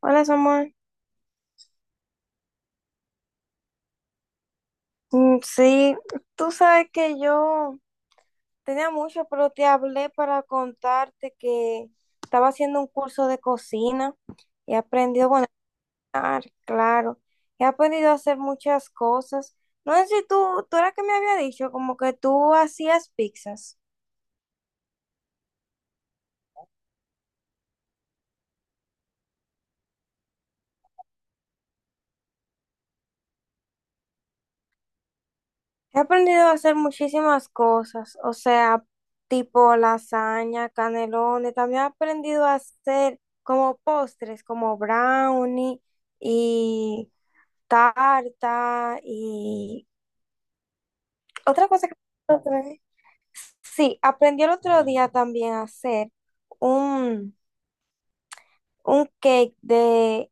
Hola, Samuel. Mm, sí, Tú sabes que yo tenía mucho, pero te hablé para contarte que estaba haciendo un curso de cocina y he aprendido, ah, claro, he aprendido a hacer muchas cosas. No sé si tú era que me había dicho, como que tú hacías pizzas. He aprendido a hacer muchísimas cosas, o sea, tipo lasaña, canelones. También he aprendido a hacer como postres, como brownie y tarta y otra cosa que otra vez. Sí, aprendí el otro día también a hacer un, un cake de,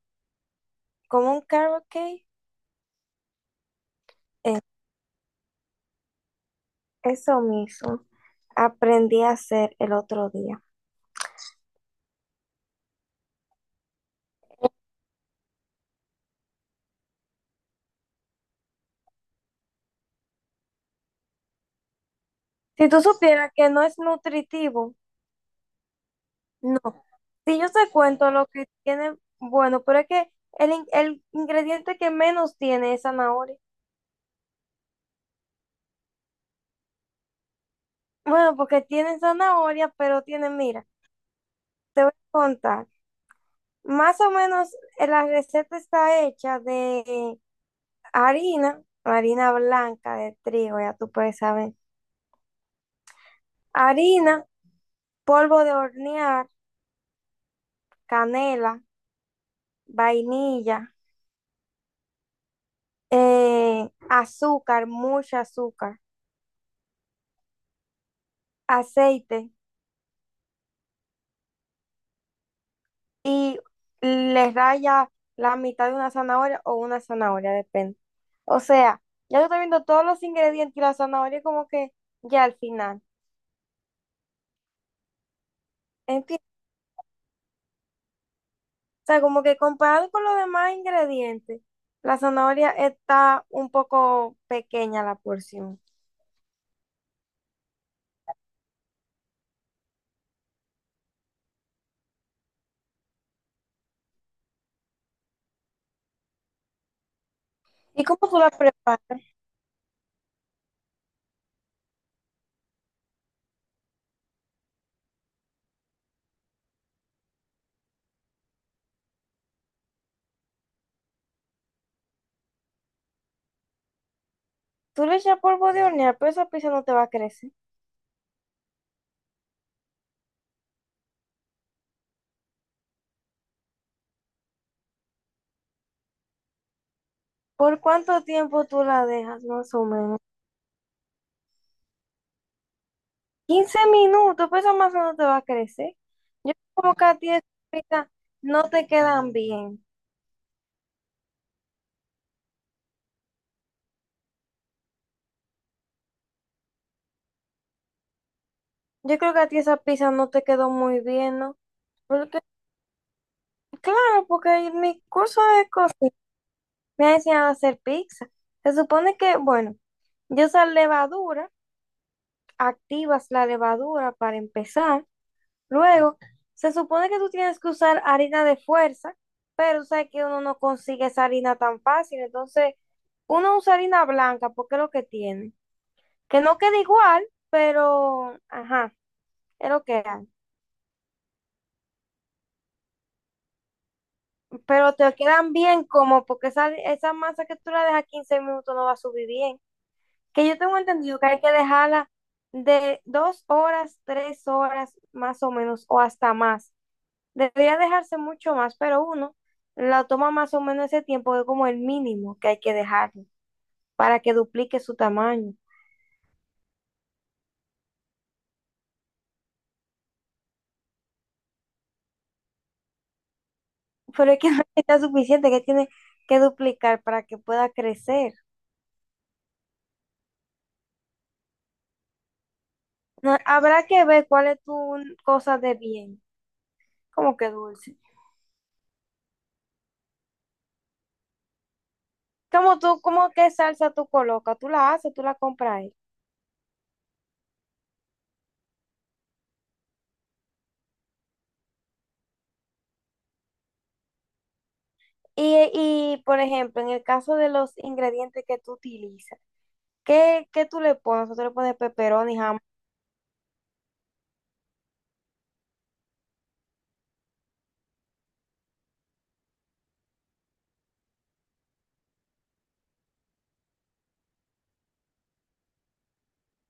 como un carrot cake. Eh, Eso mismo aprendí a hacer el otro día. Si tú supieras que no es nutritivo. No, si yo te cuento lo que tiene, bueno, pero es que el ingrediente que menos tiene es zanahoria. Bueno, porque tiene zanahoria, pero tiene, mira, te voy a contar. Más o menos la receta está hecha de harina, harina blanca de trigo, ya tú puedes saber. Harina, polvo de hornear, canela, vainilla, azúcar, mucha azúcar, aceite. Y le raya la mitad de una zanahoria o una zanahoria, depende. O sea, ya yo estoy viendo todos los ingredientes y la zanahoria como que ya al final. ¿Entiendes? O sea, como que comparado con los demás ingredientes, la zanahoria está un poco pequeña la porción. ¿Y cómo tú la preparas? Tú le echas polvo de hornear, pero esa pizza no te va a crecer. ¿Por cuánto tiempo tú la dejas, más o menos? Quince minutos, pues esa masa no te va a crecer. Yo como que a ti esas pizzas no te quedan bien. Yo creo que a ti esa pizza no te quedó muy bien, ¿no? Porque, claro, porque en mi curso de cocina me ha enseñado a hacer pizza. Se supone que, bueno, yo esa levadura, activas la levadura para empezar. Luego, se supone que tú tienes que usar harina de fuerza, pero sabes que uno no consigue esa harina tan fácil. Entonces, uno usa harina blanca porque es lo que tiene, que no queda igual, pero, ajá, es lo que hay. Pero te quedan bien como, porque esa masa que tú la dejas 15 minutos no va a subir bien. Que yo tengo entendido que hay que dejarla de 2 horas, 3 horas, más o menos, o hasta más. Debería dejarse mucho más, pero uno la toma más o menos ese tiempo, es como el mínimo que hay que dejarle para que duplique su tamaño. Pero es que no está suficiente, que tiene que duplicar para que pueda crecer. No, habrá que ver cuál es tu cosa de bien, como que dulce. Cómo qué salsa tú colocas? Tú la haces, tú la compras ahí. Y, por ejemplo, en el caso de los ingredientes que tú utilizas, qué tú le pones? Tú le pones pepperoni, jamón,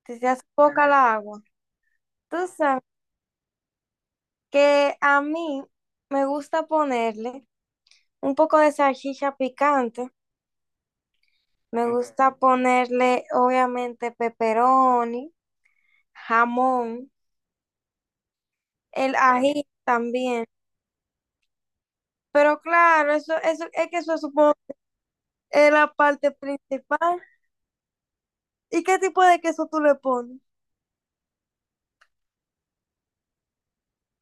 si se hace poca la agua. Tú sabes que a mí me gusta ponerle un poco de salchicha picante, me gusta ponerle obviamente pepperoni, jamón, el ají también. Pero claro, es que eso supongo es la parte principal. ¿Y qué tipo de queso tú le pones?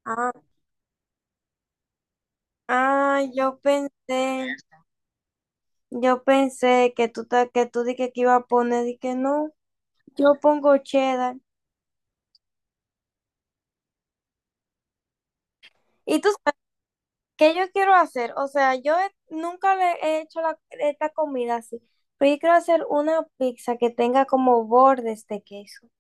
Ah, ah, yo pensé, yo pensé que tú dije que iba a poner, dije no, yo pongo cheddar. ¿Y tú sabes qué yo quiero hacer? O sea, nunca le he hecho esta comida así, pero yo quiero hacer una pizza que tenga como bordes de queso. O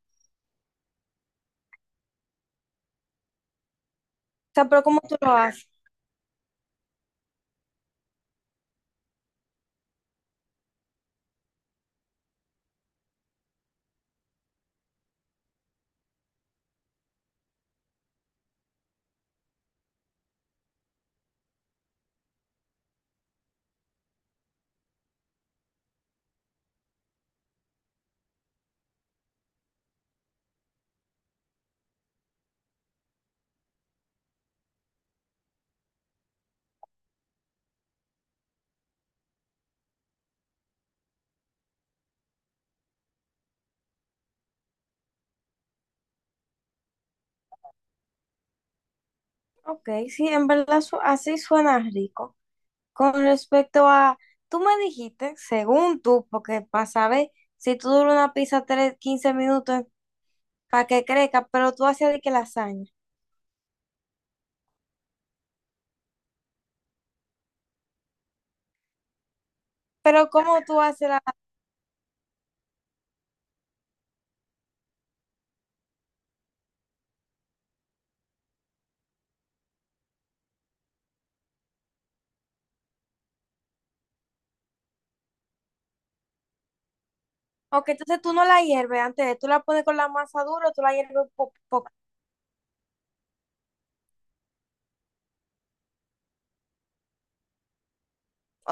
sea, pero ¿cómo tú lo haces? Ok, sí, en verdad así suena rico. Con respecto a, tú me dijiste, según tú, porque para saber si tú duras una pizza 15 minutos para que crezca, pero tú haces de que lasaña. Pero ¿cómo tú haces la...? Ok, entonces tú no la hierves antes, tú la pones con la masa dura, o tú la hierves poco,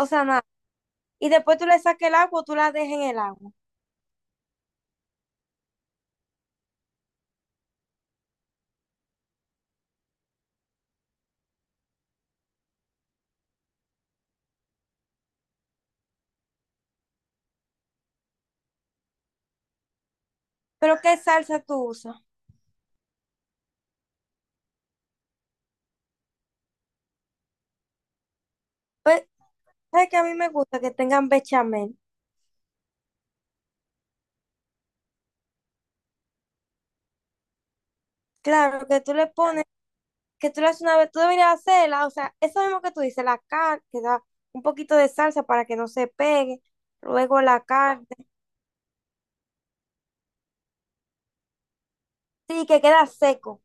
o sea, nada. Y después tú le sacas el agua, o tú la dejas en el agua. Pero ¿qué salsa tú usas? Pues, ¿sabes que a mí me gusta que tengan bechamel? Claro, que tú le pones... que tú le haces una vez, tú deberías hacerla, o sea, eso mismo que tú dices, la carne, que da un poquito de salsa para que no se pegue, luego la carne, sí, que queda seco,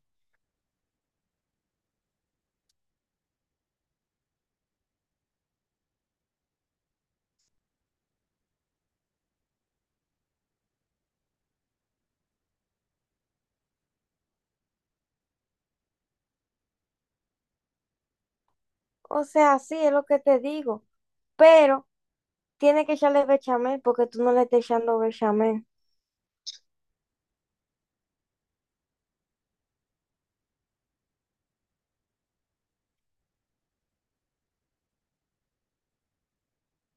o sea, sí, es lo que te digo, pero tiene que echarle bechamel porque tú no le estás echando bechamel.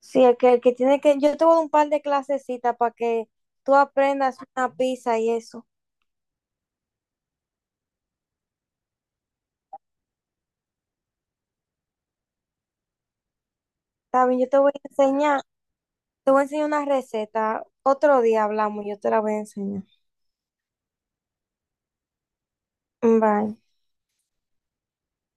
Sí, el que tiene que, yo te voy a dar un par de clasecitas para que tú aprendas una pizza y eso. También yo te voy a enseñar, te voy a enseñar una receta, otro día hablamos, yo te la voy a enseñar. Bye.